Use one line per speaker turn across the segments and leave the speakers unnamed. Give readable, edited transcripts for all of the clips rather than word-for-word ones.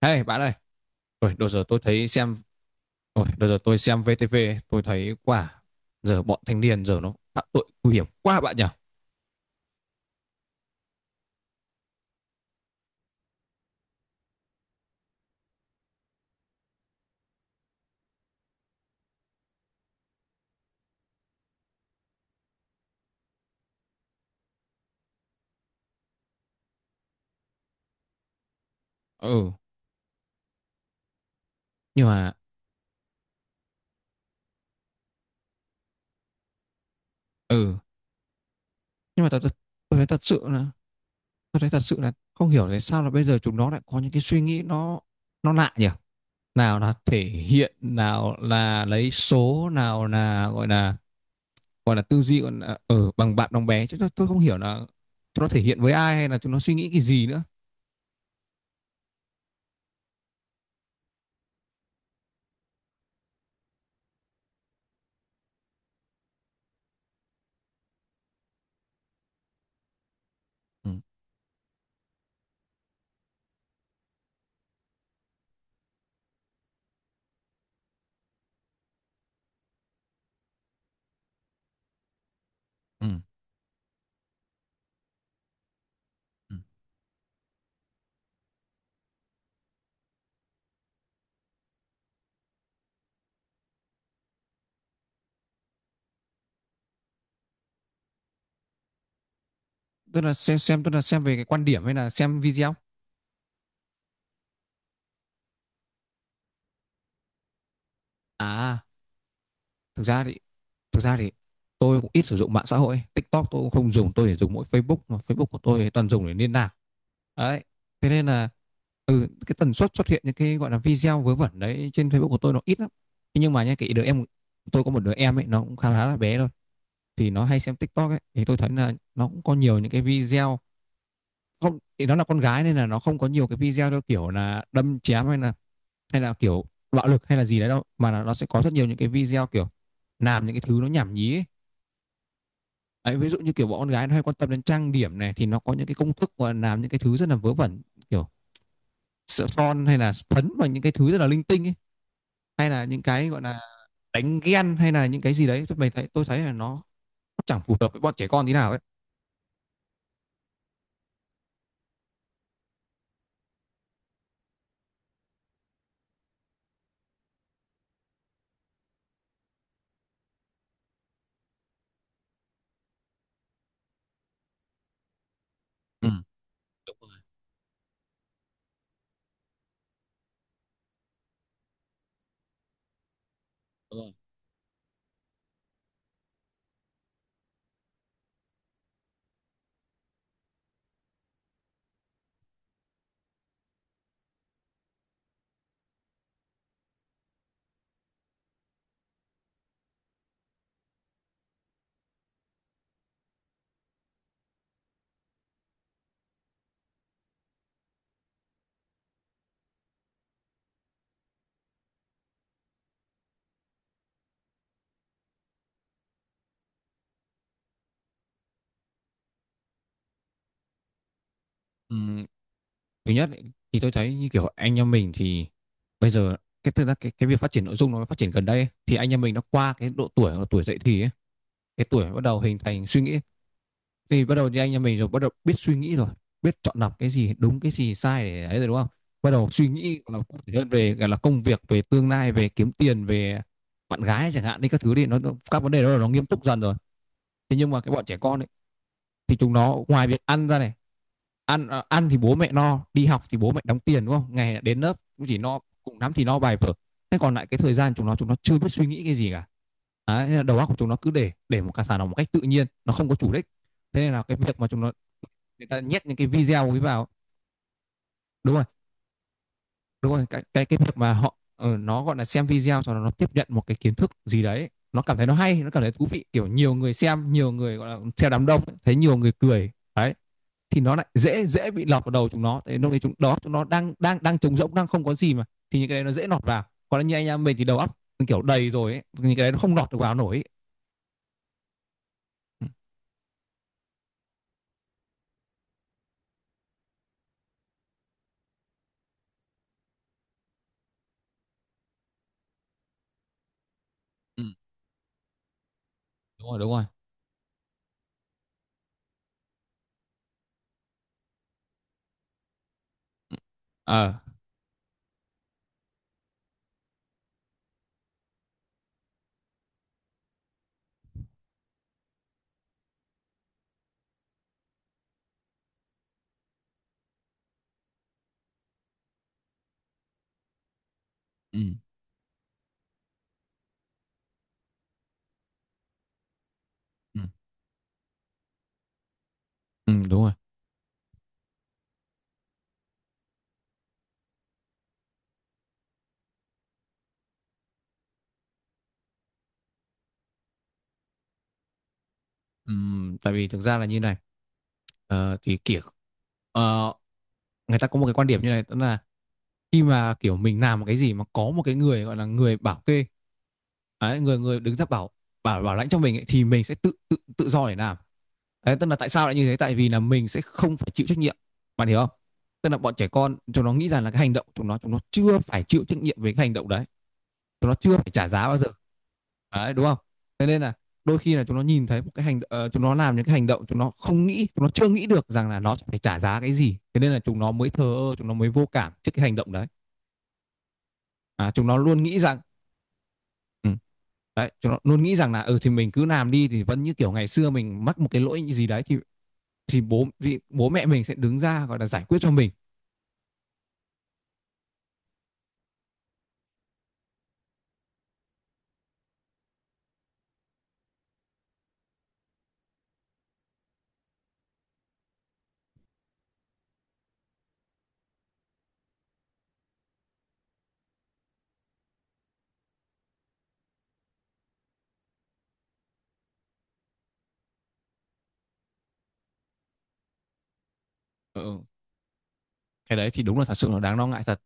Hey bạn ơi, ôi, đợt giờ tôi thấy xem, ôi, đợt giờ tôi xem VTV, ấy, tôi thấy quả giờ bọn thanh niên giờ nó phạm tội nguy hiểm quá bạn nhỉ? Ừ, nhưng mà, ừ, nhưng mà tôi tôi thấy thật sự là, tôi thấy thật sự là không hiểu tại sao là bây giờ chúng nó lại có những cái suy nghĩ nó lạ nhỉ? Nào là thể hiện, nào là lấy số, nào là gọi là, gọi là tư duy, gọi là, bằng bạn đồng bé, chứ tôi không hiểu là chúng nó thể hiện với ai hay là chúng nó suy nghĩ cái gì nữa. Ừ, ừ, ừ. Tức là xem tức là xem về cái quan điểm hay là xem video. À, thực ra thì thực ra thì tôi cũng ít sử dụng mạng xã hội, TikTok tôi cũng không dùng, tôi chỉ dùng mỗi Facebook, mà Facebook của tôi thì toàn dùng để liên lạc. Đấy, thế nên là cái tần suất xuất hiện những cái gọi là video vớ vẩn đấy trên Facebook của tôi nó ít lắm. Thế nhưng mà nhá, cái đứa em, tôi có một đứa em ấy, nó cũng khá khá là bé thôi, thì nó hay xem TikTok ấy, thì tôi thấy là nó cũng có nhiều những cái video. Không thì nó là con gái nên là nó không có nhiều cái video theo kiểu là đâm chém hay là kiểu bạo lực hay là gì đấy đâu, mà là nó sẽ có rất nhiều những cái video kiểu làm những cái thứ nó nhảm nhí ấy. Đấy, ví dụ như kiểu bọn con gái nó hay quan tâm đến trang điểm này, thì nó có những cái công thức mà làm những cái thứ rất là vớ vẩn, kiểu sợ son hay là phấn và những cái thứ rất là linh tinh ấy, hay là những cái gọi là đánh ghen hay là những cái gì đấy, tôi mình thấy tôi thấy là nó chẳng phù hợp với bọn trẻ con tí nào ấy. Ừ, đúng rồi, đúng rồi. ừ, Thứ nhất ấy, thì tôi thấy như kiểu anh em mình thì bây giờ cái thực ra cái việc phát triển nội dung nó phát triển gần đây ấy, thì anh em mình nó qua cái độ tuổi, độ tuổi dậy thì ấy, cái tuổi bắt đầu hình thành suy nghĩ, thì bắt đầu như anh em mình rồi, bắt đầu biết suy nghĩ rồi, biết chọn lọc cái gì đúng cái gì sai để ấy rồi, đúng không, bắt đầu suy nghĩ là cụ thể hơn về gọi là công việc, về tương lai, về kiếm tiền, về bạn gái chẳng hạn đi, các thứ đi, các vấn đề đó là nó nghiêm túc dần rồi. Thế nhưng mà cái bọn trẻ con thì chúng nó ngoài việc ăn ra này, ăn thì bố mẹ no, đi học thì bố mẹ đóng tiền, đúng không, ngày đến lớp cũng chỉ no cùng lắm thì no bài vở, thế còn lại cái thời gian chúng nó chưa biết suy nghĩ cái gì cả. Đấy, nên là đầu óc của chúng nó cứ để một cái sản phẩm một cách tự nhiên, nó không có chủ đích. Thế nên là cái việc mà chúng nó, người ta nhét những cái video ấy vào. Đúng rồi, đúng rồi, cái việc mà họ nó gọi là xem video cho nó tiếp nhận một cái kiến thức gì đấy, nó cảm thấy nó hay, nó cảm thấy thú vị, kiểu nhiều người xem, nhiều người gọi là theo đám đông, thấy nhiều người cười đấy, thì nó lại dễ dễ bị lọt vào đầu chúng nó, thế lúc đấy chúng đó chúng nó đang đang đang trống rỗng, đang không có gì, mà thì những cái đấy nó dễ lọt vào. Còn như anh em mình thì đầu óc kiểu đầy rồi ấy, những cái đấy nó không lọt được vào nổi. Ừ, đúng rồi, đúng rồi. ờ ừ, ừ, ừ, đúng rồi. ừ, Tại vì thực ra là như này, ờ, thì kiểu ờ, người ta có một cái quan điểm như này, tức là khi mà kiểu mình làm một cái gì mà có một cái người gọi là người bảo kê ấy, người người đứng ra bảo bảo bảo lãnh cho mình ấy, thì mình sẽ tự tự tự do để làm. Đấy, tức là tại sao lại như thế? Tại vì là mình sẽ không phải chịu trách nhiệm. Bạn hiểu không? Tức là bọn trẻ con chúng nó nghĩ rằng là cái hành động, chúng nó chưa phải chịu trách nhiệm với cái hành động đấy. Chúng nó chưa phải trả giá bao giờ. Đấy, đúng không? Thế nên là đôi khi là chúng nó nhìn thấy một cái chúng nó làm những cái hành động, chúng nó không nghĩ, chúng nó chưa nghĩ được rằng là nó sẽ phải trả giá cái gì. Thế nên là chúng nó mới thờ ơ, chúng nó mới vô cảm trước cái hành động đấy. À, chúng nó luôn nghĩ rằng ừ, đấy, chúng nó luôn nghĩ rằng là ừ thì mình cứ làm đi, thì vẫn như kiểu ngày xưa mình mắc một cái lỗi gì đấy thì bố mẹ mình sẽ đứng ra, gọi là, giải quyết cho mình. Ừ, cái đấy thì đúng là thật sự là đáng lo ngại thật.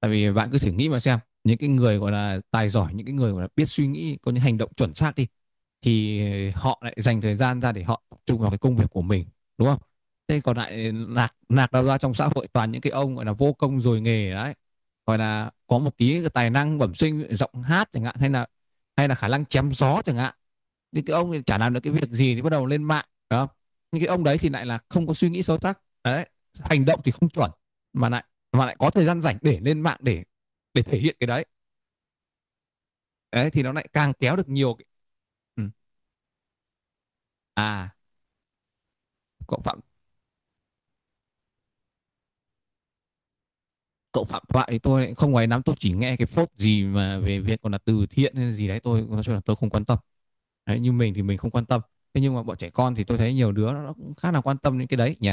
Tại vì bạn cứ thử nghĩ mà xem, những cái người gọi là tài giỏi, những cái người gọi là biết suy nghĩ, có những hành động chuẩn xác đi, thì họ lại dành thời gian ra để họ tập trung vào cái công việc của mình, đúng không. Thế còn lại nạc nạc đâu ra trong xã hội toàn những cái ông gọi là vô công rồi nghề đấy, gọi là có một tí cái tài năng bẩm sinh, giọng hát chẳng hạn, hay là khả năng chém gió chẳng hạn, những cái ông thì chả làm được cái việc gì thì bắt đầu lên mạng. Đó, những cái ông đấy thì lại là không có suy nghĩ sâu sắc đấy, hành động thì không chuẩn, mà lại mà lại có thời gian rảnh để lên mạng để thể hiện cái đấy. Đấy, thì nó lại càng kéo được nhiều cái... Ừ. à cậu phạm Cậu Phạm Thoại thì tôi không ngoài nắm, tôi chỉ nghe cái phốt gì mà về việc còn là từ thiện hay gì đấy, tôi nói chung là tôi không quan tâm. Đấy, như mình thì mình không quan tâm. Thế nhưng mà bọn trẻ con thì tôi thấy nhiều đứa nó cũng khá là quan tâm đến cái đấy nhỉ.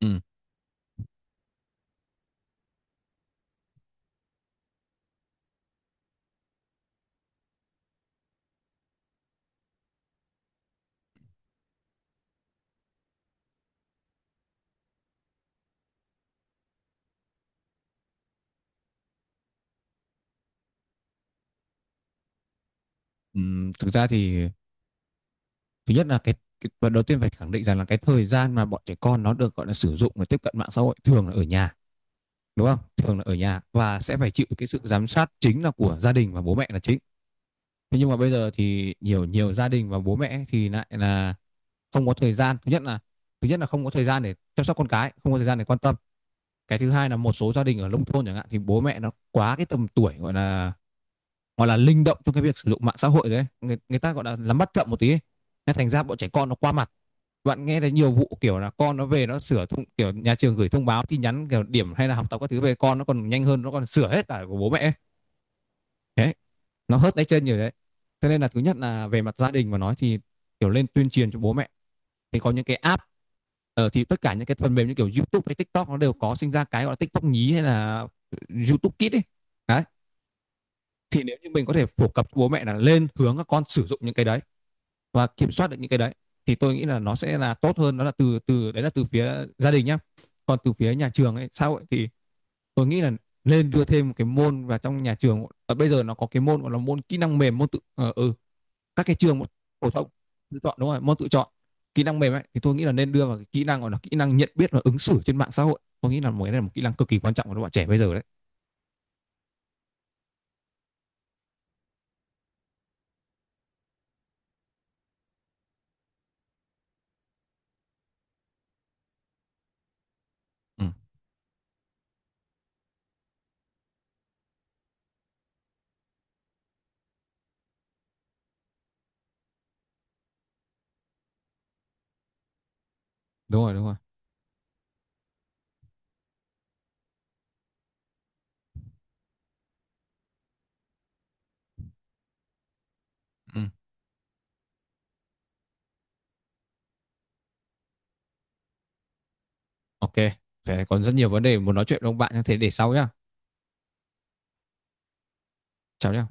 Ừ. Ừ, thực ra thì thứ nhất là cái và đầu tiên phải khẳng định rằng là cái thời gian mà bọn trẻ con nó được gọi là sử dụng để tiếp cận mạng xã hội thường là ở nhà, đúng không, thường là ở nhà, và sẽ phải chịu cái sự giám sát chính là của gia đình và bố mẹ là chính. Thế nhưng mà bây giờ thì nhiều nhiều gia đình và bố mẹ thì lại là không có thời gian, thứ nhất là không có thời gian để chăm sóc con cái, không có thời gian để quan tâm. Cái thứ hai là một số gia đình ở nông thôn chẳng hạn thì bố mẹ nó quá cái tầm tuổi gọi là linh động trong cái việc sử dụng mạng xã hội đấy, người ta gọi là nắm bắt chậm một tí ấy. Nên thành ra bọn trẻ con nó qua mặt, bạn nghe thấy nhiều vụ kiểu là con nó về nó sửa thông, kiểu nhà trường gửi thông báo tin nhắn kiểu điểm hay là học tập các thứ về, con nó còn nhanh hơn, nó còn sửa hết cả của bố mẹ ấy. Đấy, nó hớt tay chân nhiều đấy, cho nên là thứ nhất là về mặt gia đình mà nói thì kiểu lên tuyên truyền cho bố mẹ. Thì có những cái app, thì tất cả những cái phần mềm như kiểu YouTube hay TikTok nó đều có sinh ra cái gọi là TikTok nhí hay là YouTube Kids ấy. Đấy, thì nếu như mình có thể phổ cập bố mẹ là lên hướng các con sử dụng những cái đấy và kiểm soát được những cái đấy, thì tôi nghĩ là nó sẽ là tốt hơn, đó là từ từ đấy là từ phía gia đình nhá. Còn từ phía nhà trường ấy, xã hội thì tôi nghĩ là nên đưa thêm một cái môn vào trong nhà trường, và bây giờ nó có cái môn gọi là môn kỹ năng mềm, môn tự ờ ừ các cái trường phổ thông tự chọn, đúng rồi, môn tự chọn kỹ năng mềm ấy, thì tôi nghĩ là nên đưa vào cái kỹ năng gọi là kỹ năng nhận biết và ứng xử trên mạng xã hội, tôi nghĩ là một cái này là một kỹ năng cực kỳ quan trọng của các bạn trẻ bây giờ đấy. Ừ, đúng rồi, đúng rồi. Ừ. Ok, thế còn rất nhiều vấn đề muốn nói chuyện với ông bạn, như thế để sau nhá. Chào nhá.